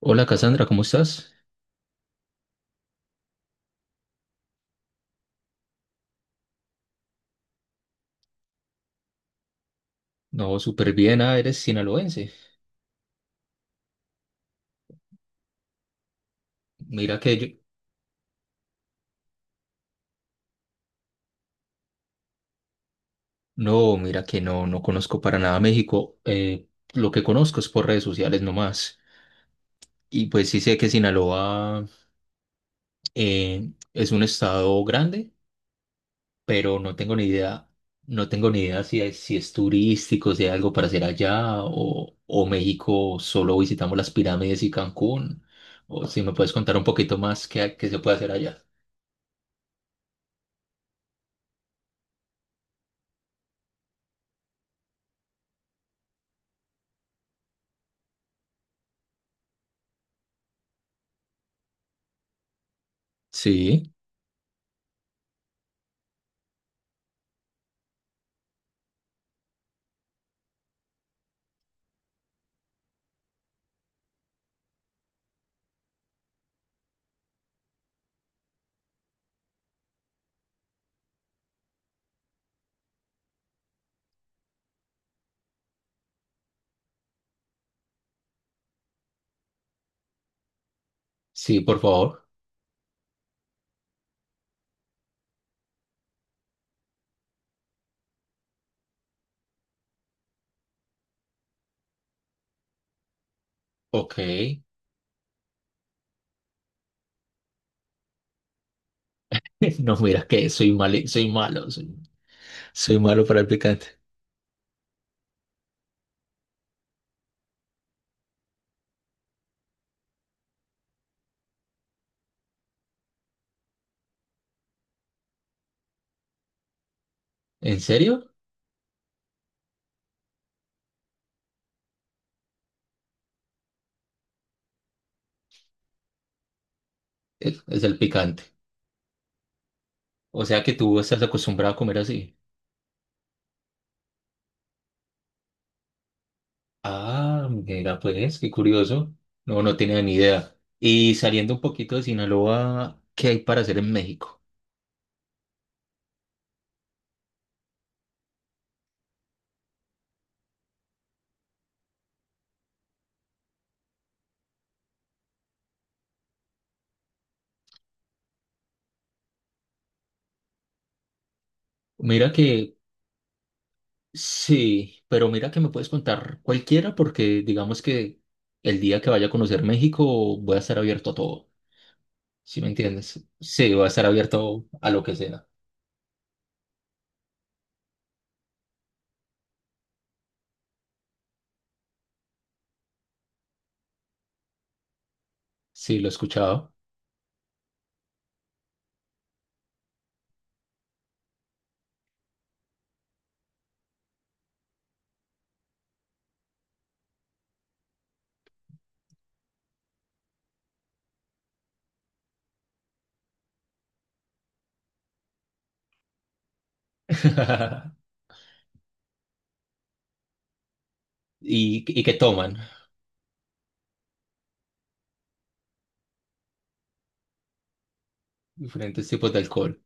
Hola Cassandra, ¿cómo estás? No, súper bien, ah, eres sinaloense. Mira que yo, no, mira que no, no conozco para nada México. Lo que conozco es por redes sociales nomás. Y pues sí sé que Sinaloa es un estado grande, pero no tengo ni idea, no tengo ni idea si es, si es turístico, si hay algo para hacer allá, o México solo visitamos las pirámides y Cancún. O si me puedes contar un poquito más qué, qué se puede hacer allá. Sí, sí, por favor. Ok. No, mira que soy mal, soy malo, soy, soy malo para el picante. ¿En serio? Es el picante. O sea que tú estás acostumbrado a comer así. Ah, mira, pues, qué curioso. No, no tenía ni idea. Y saliendo un poquito de Sinaloa, ¿qué hay para hacer en México? Mira que sí, pero mira que me puedes contar cualquiera porque digamos que el día que vaya a conocer México voy a estar abierto a todo. ¿Sí me entiendes? Sí, voy a estar abierto a lo que sea. Sí, lo he escuchado. ¿Y, y qué toman? Diferentes tipos de alcohol.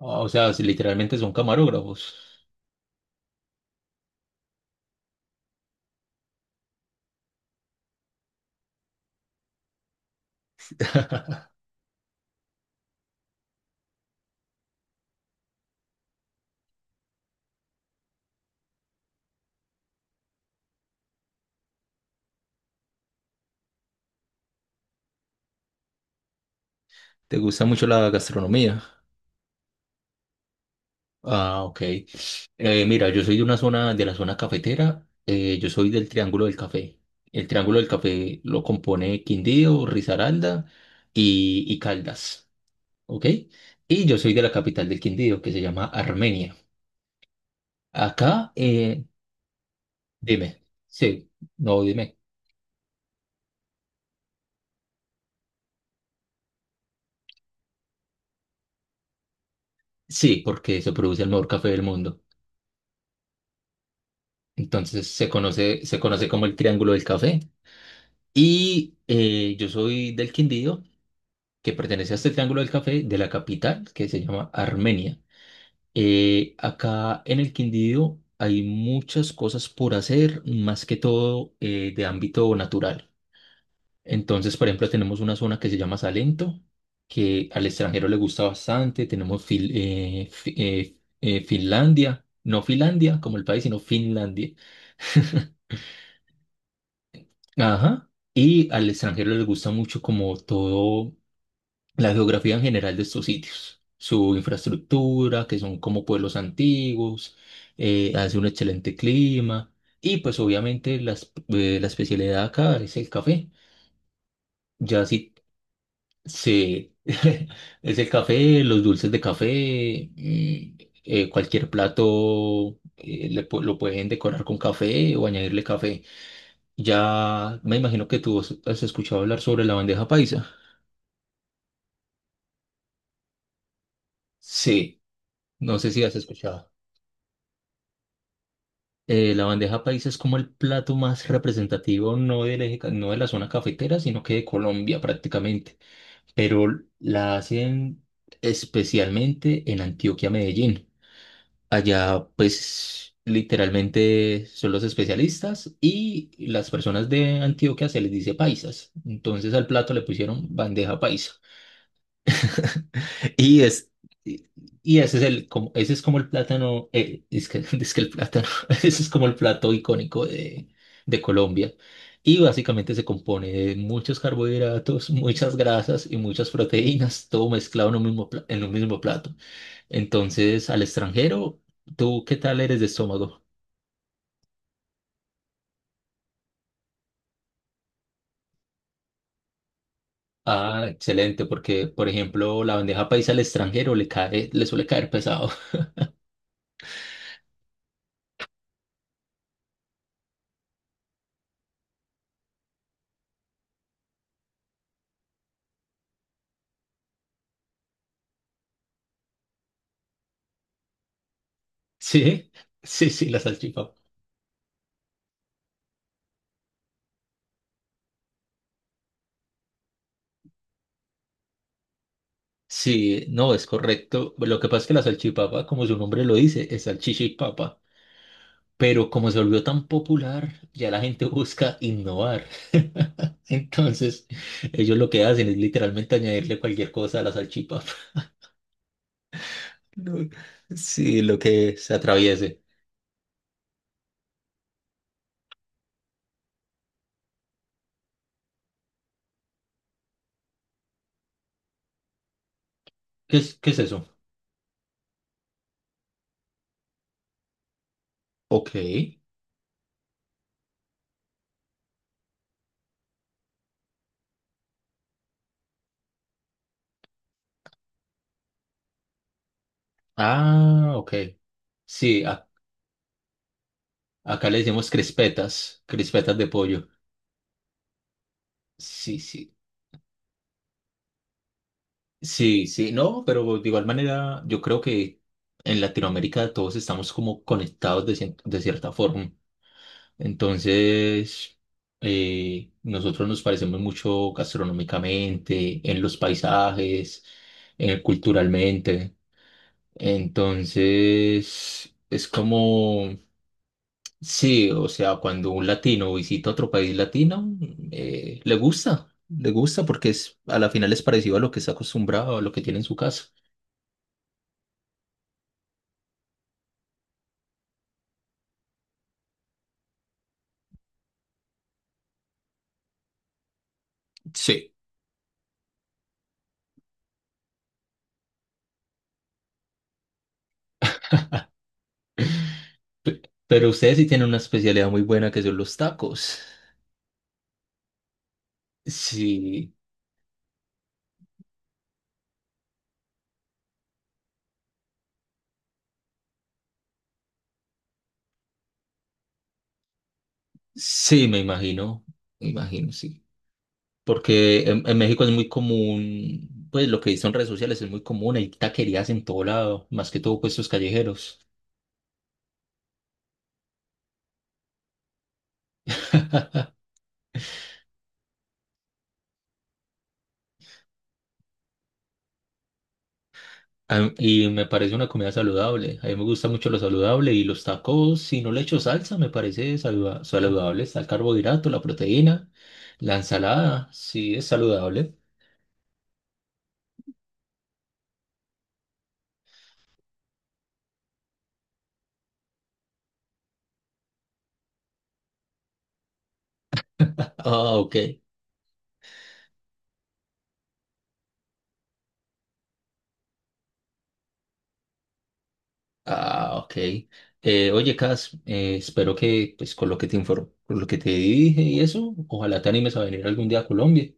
O sea, si literalmente son camarógrafos. ¿Te gusta mucho la gastronomía? Ah, ok. Mira, yo soy de una zona, de la zona cafetera. Yo soy del Triángulo del Café. El Triángulo del Café lo compone Quindío, Risaralda y Caldas. ¿Ok? Y yo soy de la capital del Quindío, que se llama Armenia. Acá, dime. Sí, no, dime. Sí, porque se produce el mejor café del mundo. Entonces se conoce como el Triángulo del Café. Y yo soy del Quindío, que pertenece a este Triángulo del Café de la capital, que se llama Armenia. Acá en el Quindío hay muchas cosas por hacer, más que todo de ámbito natural. Entonces, por ejemplo, tenemos una zona que se llama Salento, que al extranjero le gusta bastante. Tenemos Finlandia, no Finlandia como el país, sino Finlandia. Ajá. Y al extranjero les gusta mucho como todo la geografía en general de estos sitios, su infraestructura, que son como pueblos antiguos, hace un excelente clima y pues obviamente la especialidad acá es el café. Ya si sí, es el café, los dulces de café, cualquier plato lo pueden decorar con café o añadirle café. Ya me imagino que tú has escuchado hablar sobre la bandeja paisa. Sí, no sé si has escuchado. La bandeja paisa es como el plato más representativo, no de la zona cafetera, sino que de Colombia prácticamente. Pero la hacen especialmente en Antioquia, Medellín. Allá, pues, literalmente son los especialistas y las personas de Antioquia se les dice paisas. Entonces al plato le pusieron bandeja paisa. Y es, y ese es el, como, ese es como el plátano, es que, es que el plátano, ese es como el plato icónico de Colombia. Y básicamente se compone de muchos carbohidratos, muchas grasas y muchas proteínas, todo mezclado en un en un mismo plato. Entonces, al extranjero, ¿tú qué tal eres de estómago? Ah, excelente, porque por ejemplo la bandeja paisa al extranjero le cae, le suele caer pesado. Sí, sí, sí, la salchipapa. Sí, no, es correcto. Lo que pasa es que la salchipapa, como su nombre lo dice, es salchicha y papa, pero como se volvió tan popular, ya la gente busca innovar. Entonces, ellos lo que hacen es literalmente añadirle cualquier cosa a la salchipapa. No, sí, lo que se atraviese. Qué es eso? Ok. Ah, ok. Sí, acá le decimos crispetas, crispetas de pollo. Sí, sí, sí, sí, no, pero de igual manera yo creo que en Latinoamérica todos estamos como conectados de, de cierta forma. Entonces, nosotros nos parecemos mucho gastronómicamente, en los paisajes, culturalmente. Entonces, es como sí, o sea, cuando un latino visita otro país latino, le gusta porque es, a la final es parecido a lo que está acostumbrado, a lo que tiene en su casa. Sí. Pe- Pero ustedes sí tienen una especialidad muy buena que son los tacos. Sí, sí, me imagino, sí. Porque en México es muy común, pues lo que dicen redes sociales es muy común, hay taquerías en todo lado, más que todo puestos callejeros. Y me parece una comida saludable. A mí me gusta mucho lo saludable y los tacos, si no le echo salsa, me parece saludable. Está el carbohidrato, la proteína, la ensalada, sí es saludable. Ah, ok. Ah, ok. Oye, Cas, espero que pues con lo que te informo, con lo que te dije y eso, ojalá te animes a venir algún día a Colombia.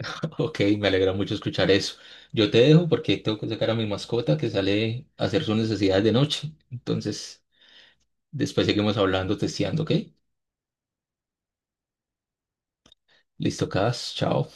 Ok, me alegra mucho escuchar eso. Yo te dejo porque tengo que sacar a mi mascota que sale a hacer sus necesidades de noche. Entonces... Después seguimos hablando, testeando, ¿ok? Listo, Cas, chao.